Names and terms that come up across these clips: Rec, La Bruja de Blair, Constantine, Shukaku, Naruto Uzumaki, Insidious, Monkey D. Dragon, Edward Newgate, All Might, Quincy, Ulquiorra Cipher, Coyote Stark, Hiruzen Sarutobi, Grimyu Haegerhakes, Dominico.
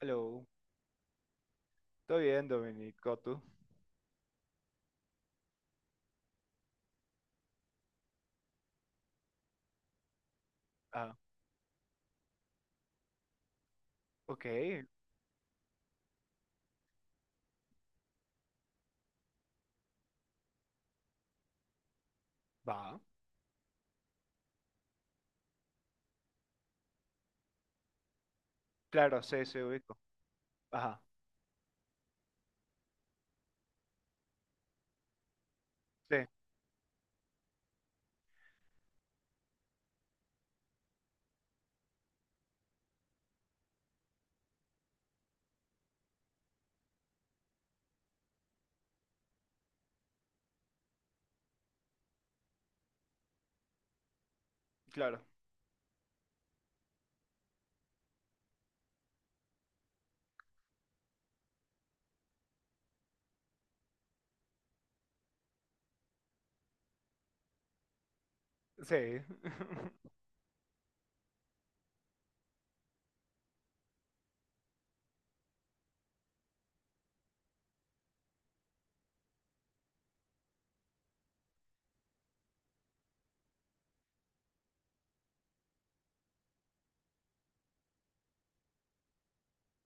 Hello. ¿Todo bien, Dominico? ¿Tú? Ah, ok, va. Claro, sí, sí, ubico. Ajá, sí, claro. Sí.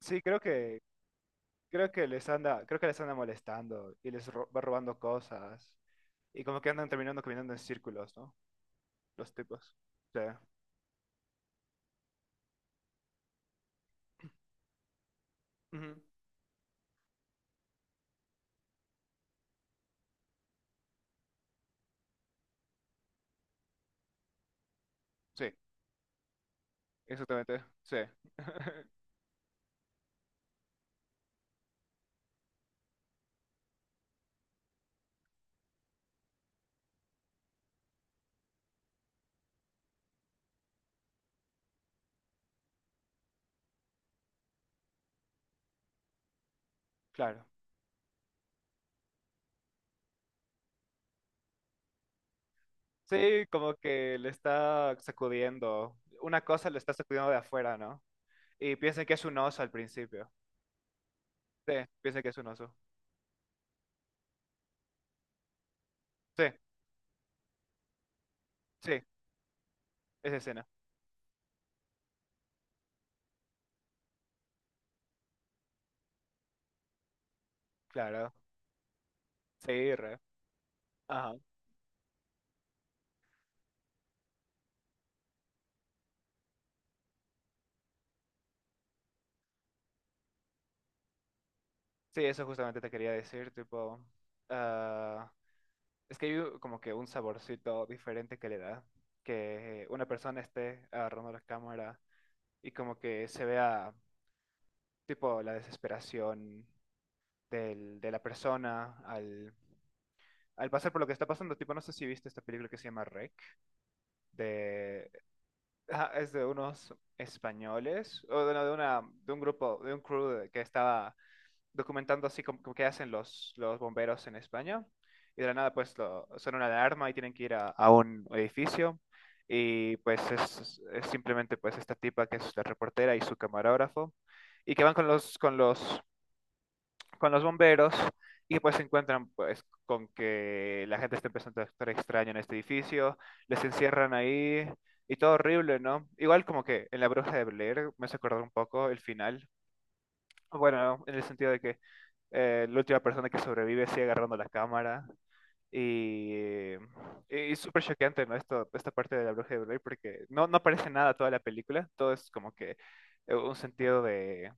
Sí, creo que les anda, creo que les anda molestando y va robando cosas. Y como que andan terminando caminando en círculos, ¿no? Los tipos. Sí. Ujú. Sí, exactamente. Sí. Claro. Sí, como que le está sacudiendo. Una cosa le está sacudiendo de afuera, ¿no? Y piensan que es un oso al principio. Sí, piensan que es un oso. Sí, sí, esa escena, claro. Sí, re. Ajá. Sí, eso justamente te quería decir, tipo, ah, es que como que un saborcito diferente que le da que una persona esté agarrando la cámara y como que se vea, tipo, la desesperación de la persona al pasar por lo que está pasando. Tipo, no sé si viste esta película que se llama Rec, de, ajá, es de unos españoles, o de, no, de una, de un grupo, de un crew que estaba documentando así como, como qué hacen los bomberos en España. Y de la nada, pues, lo, son una alarma y tienen que ir a un edificio. Y pues es simplemente pues esta tipa que es la reportera y su camarógrafo. Y que van con los bomberos y pues se encuentran pues con que la gente está empezando a actuar extraño en este edificio, les encierran ahí y todo horrible, ¿no? Igual como que en La Bruja de Blair me hace acordar un poco el final, bueno, en el sentido de que la última persona que sobrevive sigue agarrando la cámara. Y es súper choqueante, ¿no? Esto, esta parte de la bruja de Blair, porque no aparece nada toda la película, todo es como que un sentido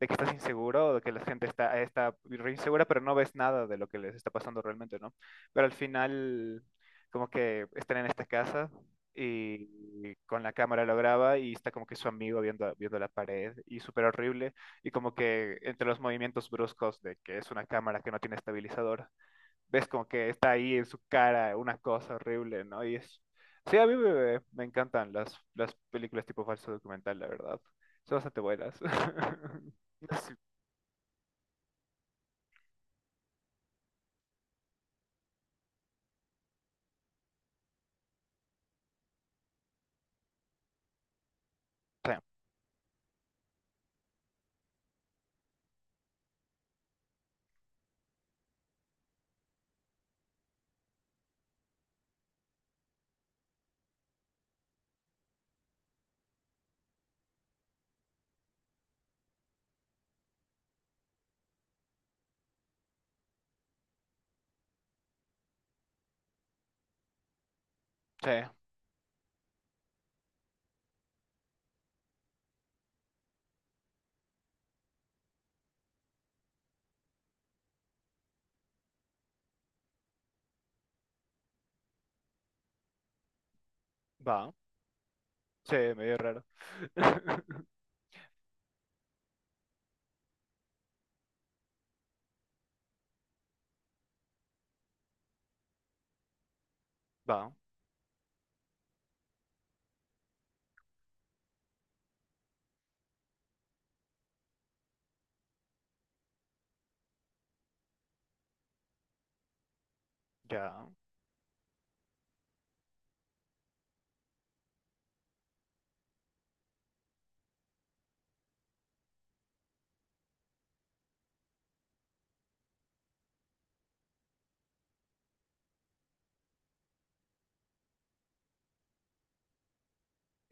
de que estás inseguro o de que la gente está re insegura, pero no ves nada de lo que les está pasando realmente, ¿no? Pero al final, como que están en esta casa y con la cámara lo graba y está como que su amigo viendo, viendo la pared y súper horrible y como que entre los movimientos bruscos de que es una cámara que no tiene estabilizador ves como que está ahí en su cara una cosa horrible, ¿no? Y es... Sí, a mí me encantan las películas tipo falso documental, la verdad. Son bastante buenas. Sí, sí, sí, va. Sí, medio raro. Va, ya,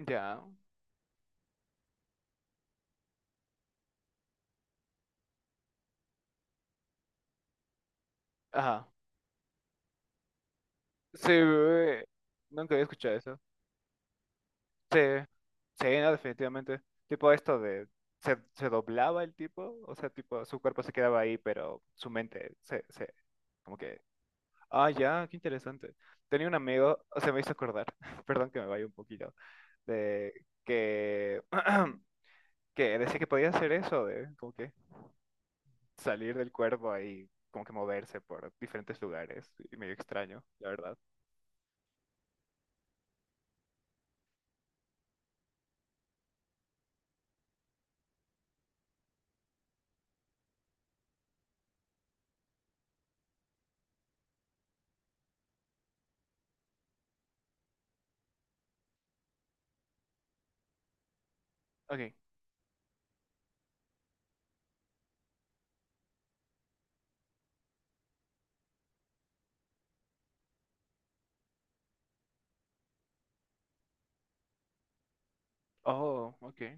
ya. Ajá. Sí, nunca había escuchado eso. Sí, sí, no, definitivamente. Tipo esto de... Se doblaba el tipo, o sea, tipo, su cuerpo se quedaba ahí, pero su mente como que ah, ya, qué interesante. Tenía un amigo, o sea, me hizo acordar, perdón que me vaya un poquito, de que, que decía que podía hacer eso, de como que salir del cuerpo y como que moverse por diferentes lugares, y medio extraño, la verdad. Okay, oh, okay,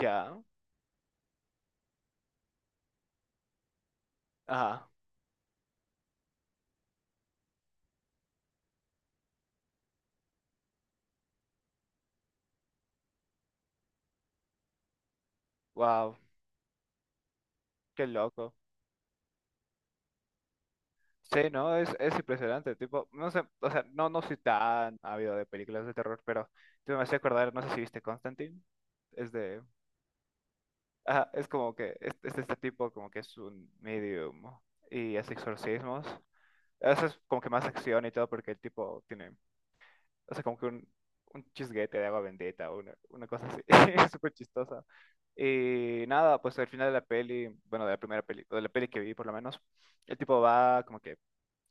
ya, ah, wow, qué loco. Sí, no, es impresionante, tipo, no sé, o sea, no soy tan ávido de películas de terror, pero tipo, me hace acordar, no sé si viste Constantine, es de ajá, es como que es este tipo como que es un medium y hace exorcismos. Eso es como que más acción y todo porque el tipo tiene, o sea, como que un chisguete de agua bendita, una cosa así, es súper chistosa. Y nada, pues al final de la peli, bueno, de la primera peli, o de la peli que vi por lo menos, el tipo va como que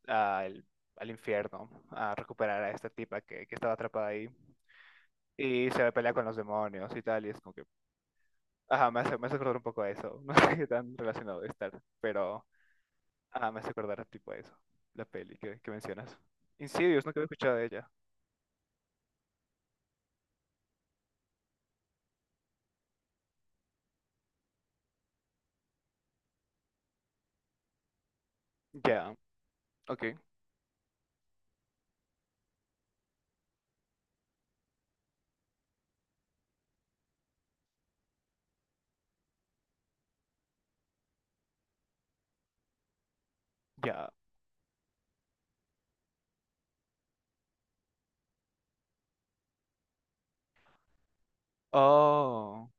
al, al infierno a recuperar a esta tipa que estaba atrapada ahí y se pelea con los demonios y tal, y es como que ajá, me hace acordar un poco a eso. No sé qué tan relacionado de estar, pero ajá, me hace acordar tipo a eso. La peli que mencionas. Insidious, nunca había escuchado de ella. Ya, ok, ya. Oh,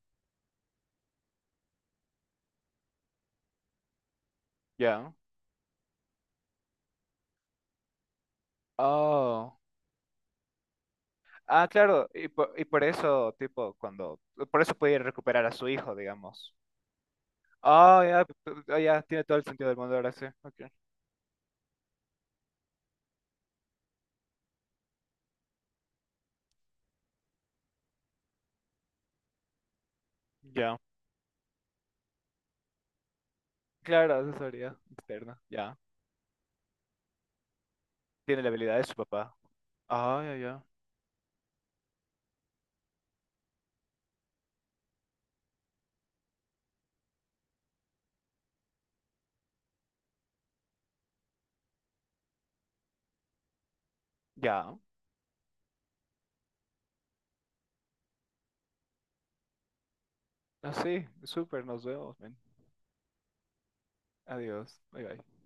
ya. Oh. Ah, claro, y por eso, tipo, cuando. Por eso puede recuperar a su hijo, digamos. Oh, ya, p- ah, ya, tiene todo el sentido del mundo ahora sí. Ok, ya. Claro, asesoría externa, ya. Tiene la habilidad de su papá. Ah, ya, ya. Ya. Así, súper, nos vemos, men. Adiós. Bye bye.